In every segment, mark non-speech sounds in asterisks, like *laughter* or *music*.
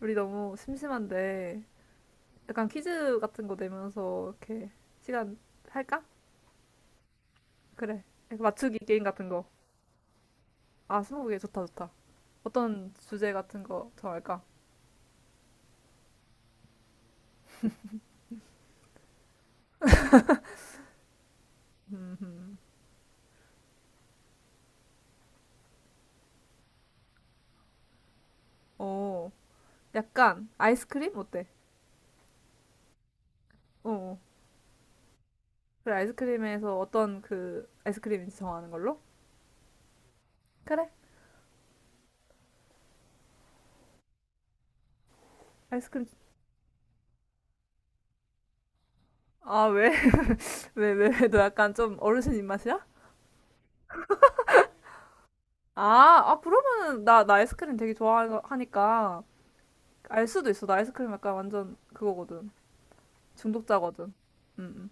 우리 너무 심심한데 약간 퀴즈 같은 거 내면서 이렇게 시간 할까? 그래. 약간 맞추기 게임 같은 거. 아, 스무고개 좋다, 좋다. 어떤 주제 같은 거 정할까? 음, 어, 약간 아이스크림 어때? 어, 어. 그래 아이스크림에서 어떤 그 아이스크림인지 정하는 걸로? 그래, 아이스크림. 아, 왜? *laughs* 왜, 왜? 너 약간 좀 어르신 입맛이야? 아, 아 그러면은 나 아이스크림 되게 좋아하니까 알 수도 있어. 나 아이스크림 약간 완전 그거거든. 중독자거든. 음.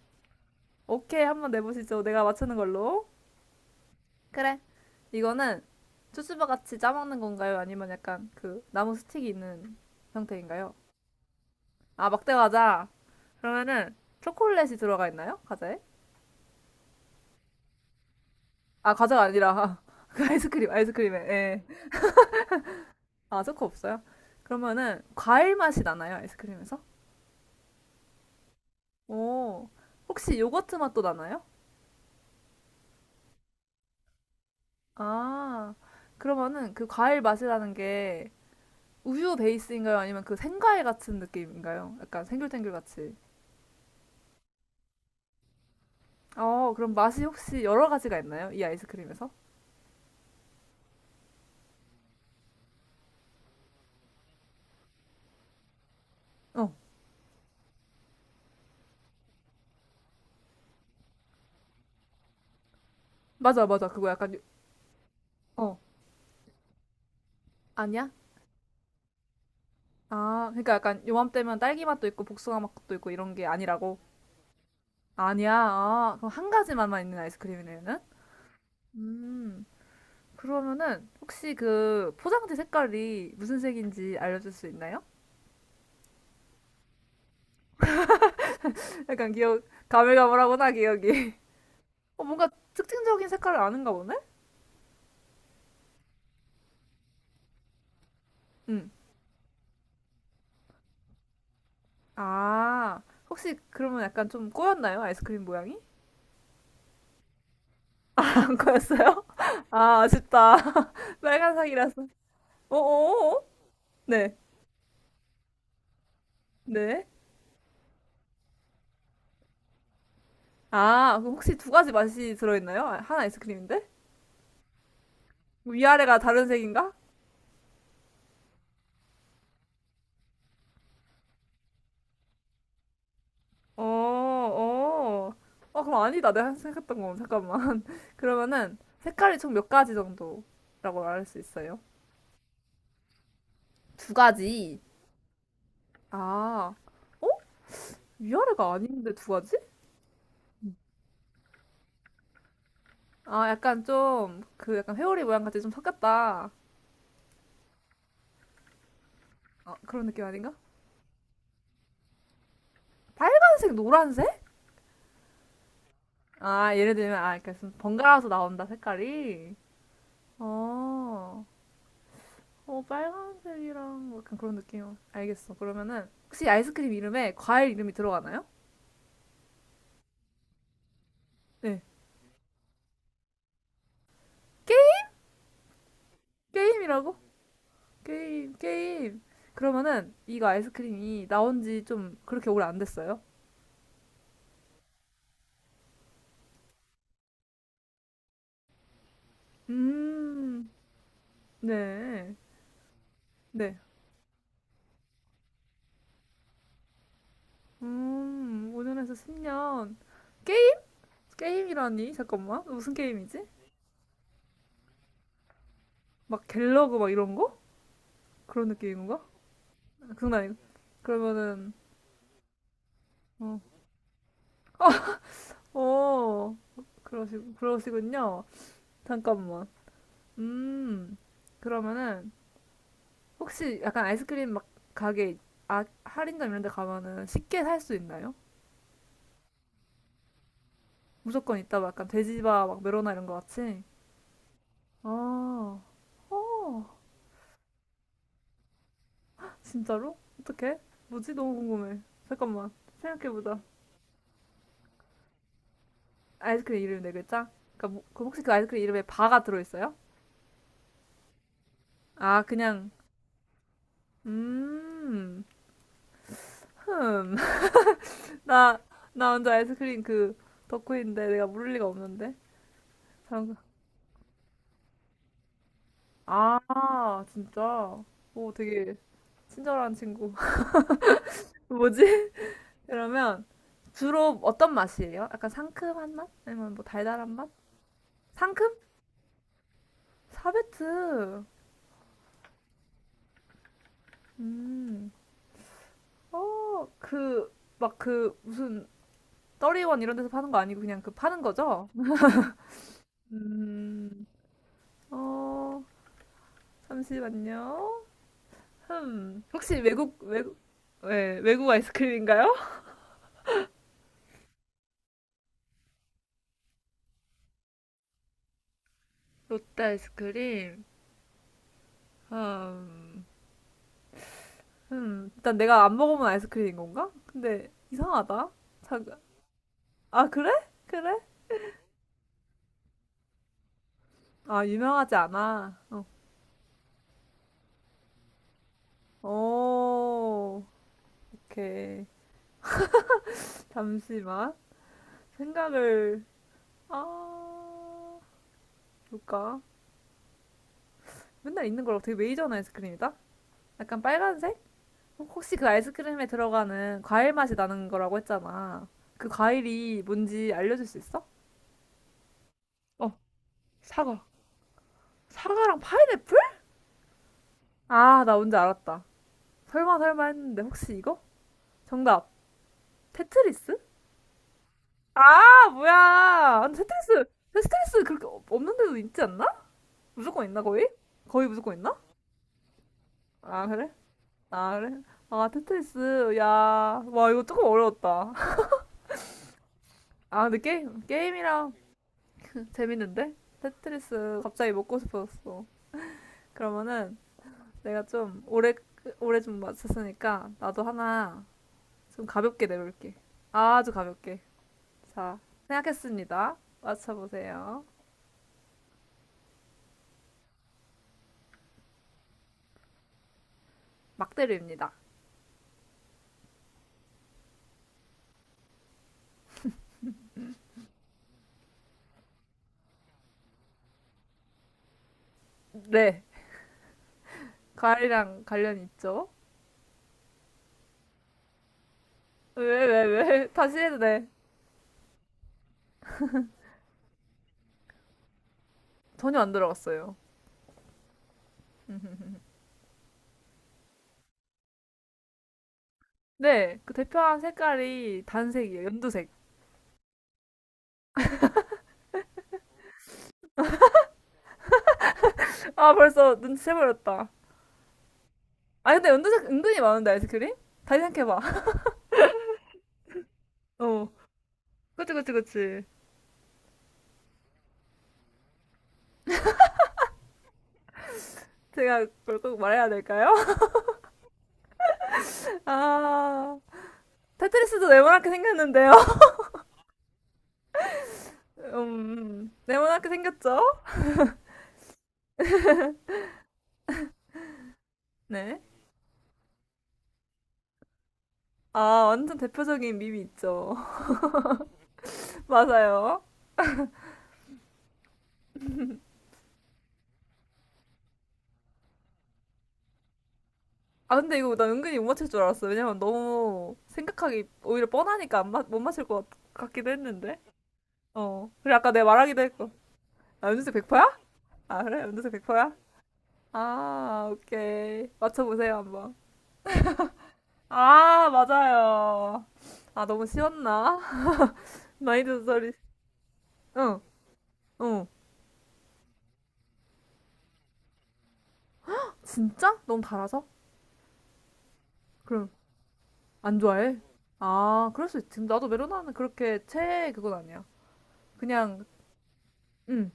오케이, 한번 내보시죠. 내가 맞추는 걸로. 그래. 이거는 쭈쭈바 같이 짜먹는 건가요? 아니면 약간 그 나무 스틱이 있는 형태인가요? 아, 막대 과자. 그러면은 초콜릿이 들어가 있나요? 과자에? 아, 과자가 아니라 *laughs* 그 아이스크림, 아이스크림에. 예. 아, 초코 없어요? 그러면은 과일 맛이 나나요? 아이스크림에서? 오. 혹시 요거트 맛도 나나요? 아. 그러면은 그 과일 맛이라는 게 우유 베이스인가요? 아니면 그 생과일 같은 느낌인가요? 약간 생귤탱귤 같이. 어, 그럼 맛이 혹시 여러 가지가 있나요? 이 아이스크림에서? 어, 맞아, 맞아. 어, 아니야? 아, 그러니까 약간 요맘때면 딸기 맛도 있고 복숭아 맛도 있고 이런 게 아니라고? 아니야. 아, 그럼 한 가지 맛만 있는 아이스크림이네, 는 음, 그러면은 혹시 그 포장지 색깔이 무슨 색인지 알려줄 수 있나요? *laughs* 약간 기억, 가물가물하구나, 기억이. *laughs* 어, 뭔가 특징적인 색깔을 아는가 보네? 응. 아, 혹시 그러면 약간 좀 꼬였나요? 아이스크림 모양이? *laughs* 안 꼬였어요? *laughs* 아, 아쉽다. *laughs* 빨간색이라서. 어어어? 네, 네. 아, 그럼 혹시 두 가지 맛이 들어있나요? 아, 한 아이스크림인데? 뭐 위아래가 다른 색인가? 어, 어. 아, 그럼 아니다. 내가 생각했던 건. 잠깐만. *laughs* 그러면은 색깔이 총 몇 가지 정도라고 말할 수 있어요? 두 가지. 아, 어? 위아래가 아닌데 두 가지? 아, 약간 좀, 그 약간 회오리 모양 같이 좀 섞였다. 어, 그런 느낌 아닌가? 빨간색, 노란색? 아, 예를 들면, 아, 이렇게 좀 번갈아서 나온다, 색깔이. 어, 어, 빨간색이랑 뭐 약간 그런 느낌. 알겠어. 그러면은, 혹시 아이스크림 이름에 과일 이름이 들어가나요? 네. 게임, 게임이라고? 게임, 게임. 그러면은, 이거 아이스크림이 나온 지 좀 그렇게 오래 안 됐어요? 음, 네. 네. 5년에서 10년. 게임 게임이라니? 잠깐만. 무슨 게임이지? 막 갤러그 막 이런 거? 그런 느낌인가? 그건 아니고. 그러면은, 어, 어, 그러시군요. 잠깐만. 음, 그러면은, 혹시 약간 아이스크림 막 가게, 아, 할인점 이런 데 가면은 쉽게 살 수 있나요? 무조건 있다, 막 약간 돼지바, 막 메로나 이런 거 같이? 아, 어, 진짜로? 어떡해? 뭐지? 너무 궁금해. 잠깐만. 생각해보자. 아이스크림 이름 네 글자? 그 혹시 그 아이스크림 이름에 바가 들어있어요? 아 그냥 음, 흠. *laughs* 나, 나 혼자 아이스크림 그 덕후인데 내가 모를 리가 없는데. 잠깐. 아 진짜. 오 되게 친절한 친구. *laughs* 뭐지? 그러면 주로 어떤 맛이에요? 약간 상큼한 맛? 아니면 뭐 달달한 맛? 상큼? 사베트. 음. 어, 그, 막 그, 무슨, 떠리원 이런 데서 파는 거 아니고 그냥 그 파는 거죠? 음, 어, 잠시만요. 흠. 혹시 왜, 외국 아이스크림인가요? 롯데 아이스크림? 음, 일단 내가 안 먹어본 아이스크림인 건가? 근데 이상하다. 잠깐. 아, 그래? 그래? 아, 유명하지 않아. 어. 오, 오케이. 잠시만. 생각을, 아, 볼까? 맨날 있는 거랑 되게 메이저한 아이스크림이다? 약간 빨간색? 혹시 그 아이스크림에 들어가는 과일 맛이 나는 거라고 했잖아. 그 과일이 뭔지 알려줄 수 있어? 어, 사과. 사과랑 파인애플? 아, 나 뭔지 알았다. 설마 설마 했는데 혹시 이거? 정답. 테트리스? 아, 뭐야. 아니, 테트리스, 테트리스 그렇게 없는 데도 있지 않나? 무조건 있나, 거의? 거의 무조건 있나? 아, 그래? 아, 그래? 아, 테트리스. 야, 와, 이거 조금 어려웠다. *laughs* 아, 근데 게임, 게임이라 재밌는데? 테트리스 갑자기 먹고 싶어졌어. 그러면은 내가 좀 오래 좀 맞췄으니까 나도 하나 좀 가볍게 내볼게. 아주 가볍게. 자, 생각했습니다. 맞춰보세요. 막대류입니다. 네. 과일이랑 관련이 있죠? 왜, 왜, 왜? 다시 해도 돼. 전혀 안 들어갔어요. *laughs* 네, 그 대표한 색깔이 단색이에요. 연두색. 아, 벌써 눈치채버렸다. 아, 근데 연두색 은근히 많은데, 아이스크림? 다시 생각해봐. *laughs* 어. 그치, 그치, 그치. 제가 그걸 꼭 말해야 될까요? *laughs* 아, 테트리스도 네모나게 생겼는데요. *laughs* 네모나게 생겼죠? 네. 아, 완전 대표적인 밈이 있죠. *laughs* 맞아요. 아, 근데 이거 나 은근히 못 맞힐 줄 알았어. 왜냐면 너무 생각하기 오히려 뻔하니까 안 맞, 못 맞힐 것 기도 했는데. 어. 그래, 아까 내가 말하기도 했고. 아, 연두색 백퍼야? 아, 그래? 연두색 백퍼야? 아, 오케이. 맞춰보세요, 한번. 아, 맞아요. 아, 너무 쉬웠나? *laughs* 많이 듣 소리. 응, 응. 진짜? 너무 달아서? 그럼 안 좋아해? 아, 그럴 수 있지. 나도 메로나는 그렇게 최애 그건 아니야. 그냥, 응,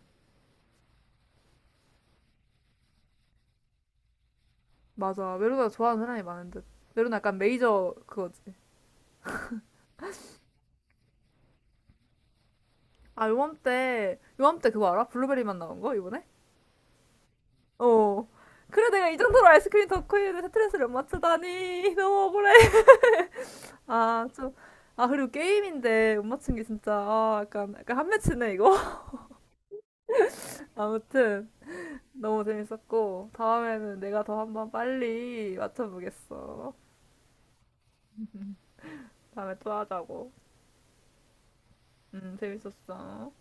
맞아. 메로나 좋아하는 사람이 많은 듯. 메로나 약간 메이저 그거지. 아, 요맘때, 요맘때 그거 알아? 블루베리 맛 나온 거? 이번에? 어. 그래, 내가 이 정도로 아이스크림 덕후인데 스트레스를 못 맞추다니. 너무 억울해. 아, 좀, 아, 그리고 게임인데 못 맞춘 게 진짜, 아, 약간, 약간 한 매치네, 이거? *laughs* 아무튼, 너무 재밌었고, 다음에는 내가 더 한번 빨리 맞춰보겠어. 다음에 또 하자고. 재밌었어.